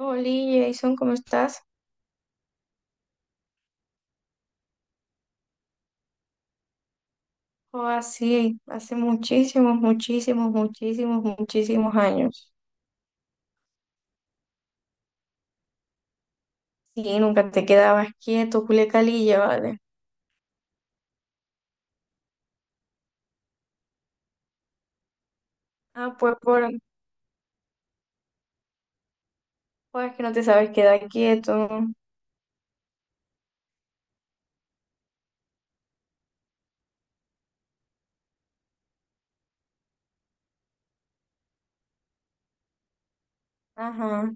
Hola Jason, ¿cómo estás? Oh, así, hace muchísimos, muchísimos, muchísimos, muchísimos años. Sí, nunca te quedabas quieto, culecalilla, ¿vale? Ah, pues, por, pues que no te sabes quedar quieto. Ajá.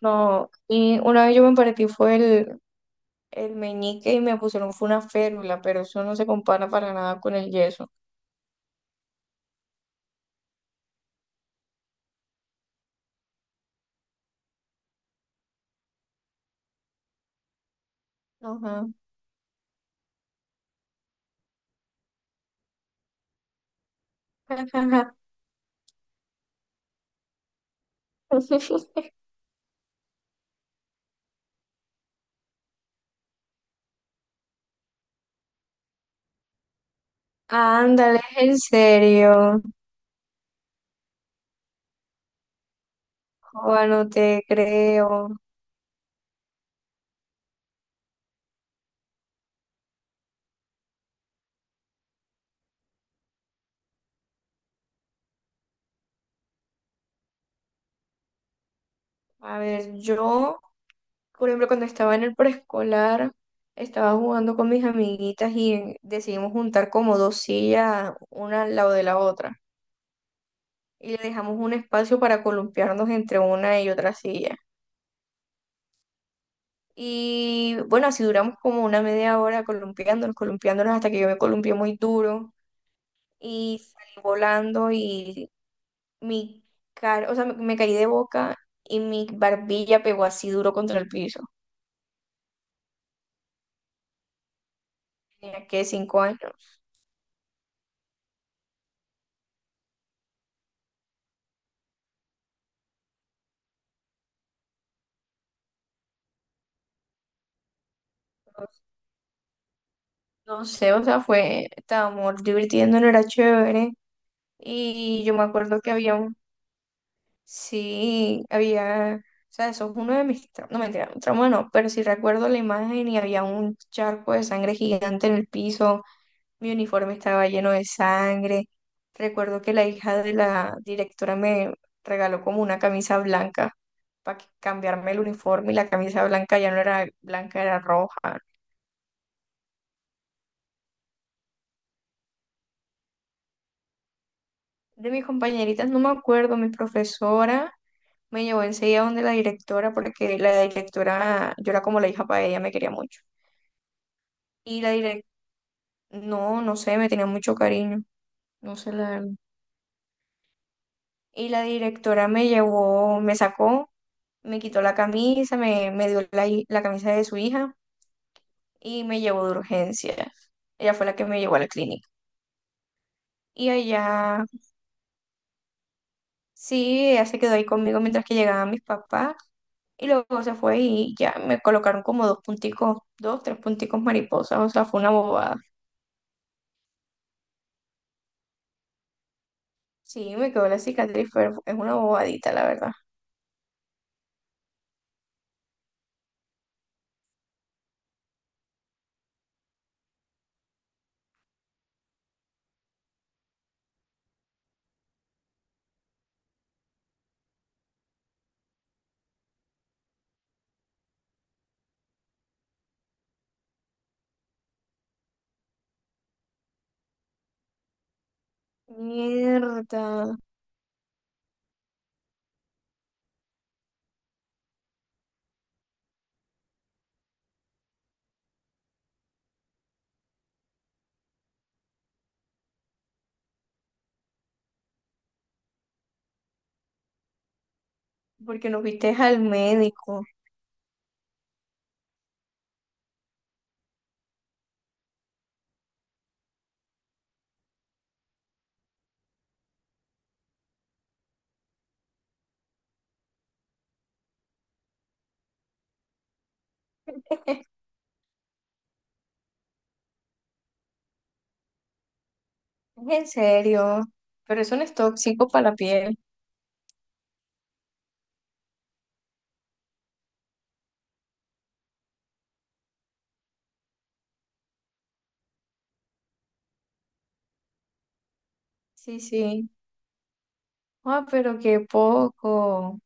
No, y una vez yo me partí fue el meñique y me pusieron fue una férula, pero eso no se compara para nada con el yeso. Ajá. Ándale, en serio. Juan, no te creo. A ver, yo. Por ejemplo, cuando estaba en el preescolar, estaba jugando con mis amiguitas y decidimos juntar como dos sillas, una al lado de la otra. Y le dejamos un espacio para columpiarnos entre una y otra silla. Y bueno, así duramos como una media hora columpiándonos, columpiándonos hasta que yo me columpié muy duro y salí volando y mi cara, o sea, me caí de boca y mi barbilla pegó así duro contra el piso. Tenía que 5 años. No sé, o sea, fue, estábamos divirtiéndonos, era chévere. Y yo me acuerdo que había un, sí, había, o sea, eso es uno de mis, no mentira, un trauma no, pero sí recuerdo la imagen y había un charco de sangre gigante en el piso, mi uniforme estaba lleno de sangre. Recuerdo que la hija de la directora me regaló como una camisa blanca para cambiarme el uniforme y la camisa blanca ya no era blanca, era roja. De mis compañeritas no me acuerdo, mi profesora. Me llevó enseguida donde la directora, porque la directora, yo era como la hija para ella, me quería mucho. Y la directora, no, no sé, me tenía mucho cariño, no sé la verdad. Y la directora me llevó, me sacó, me quitó la camisa, me dio la camisa de su hija y me llevó de urgencia. Ella fue la que me llevó a la clínica. Y allá, sí, ella se quedó ahí conmigo mientras que llegaban mis papás. Y luego se fue y ya me colocaron como dos punticos, dos, tres punticos mariposas, o sea, fue una bobada. Sí, me quedó la cicatriz, pero es una bobadita, la verdad. Mierda, porque no fuiste al médico. Es en serio, pero eso no es tóxico para la piel. Sí, sí. Ah, pero qué poco.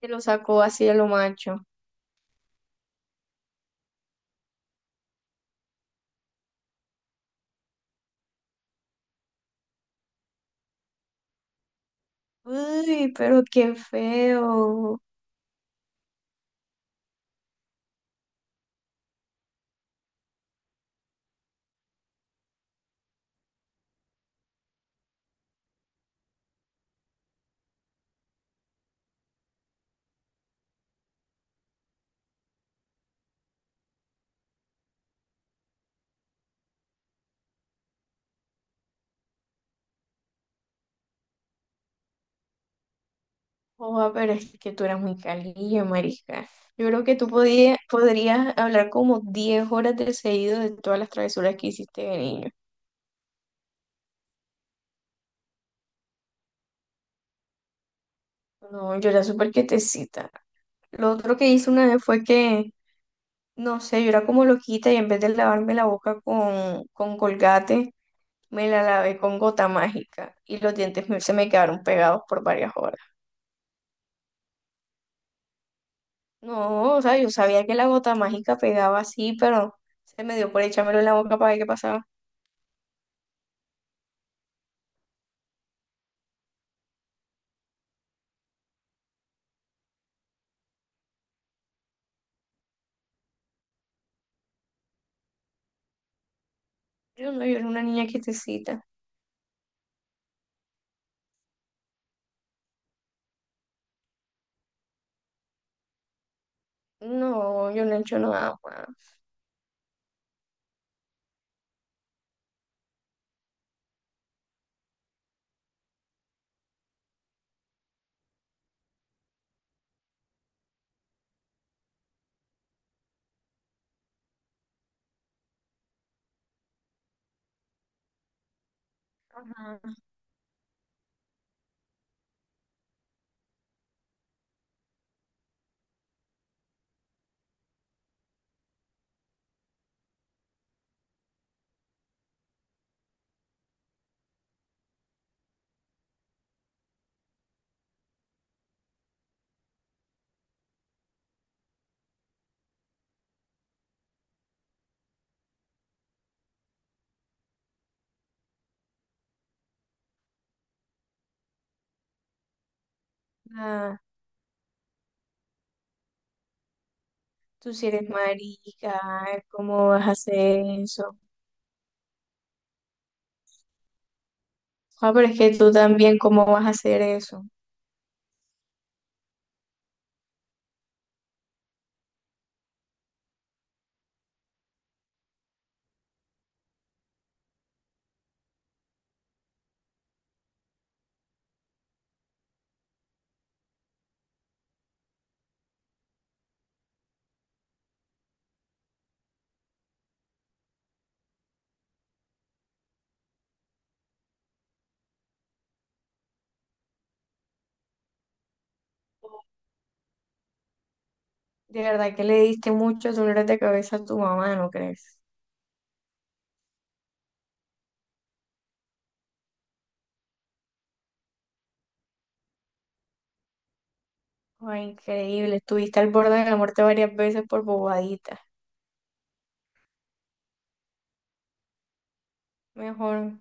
Se lo sacó así a lo macho. Uy, pero qué feo. Oh, pero es que tú eras muy calilla, marica. Yo creo que podrías hablar como 10 horas de seguido de todas las travesuras que hiciste de niño. No, yo era súper quietecita. Lo otro que hice una vez fue que, no sé, yo era como loquita y en vez de lavarme la boca con Colgate, me la lavé con gota mágica y los dientes se me quedaron pegados por varias horas. No, o sea, yo sabía que la gota mágica pegaba así, pero se me dio por echármelo en la boca para ver qué pasaba. Yo no, yo era una niña quietecita. No, yo no he hecho nada más. Ah, tú si eres marica, ¿cómo vas a hacer eso? Ah, pero es que tú también, ¿cómo vas a hacer eso? De verdad que le diste muchos dolores de cabeza a tu mamá, ¿no crees? Ay, increíble, estuviste al borde de la muerte varias veces por bobadita. Mejor.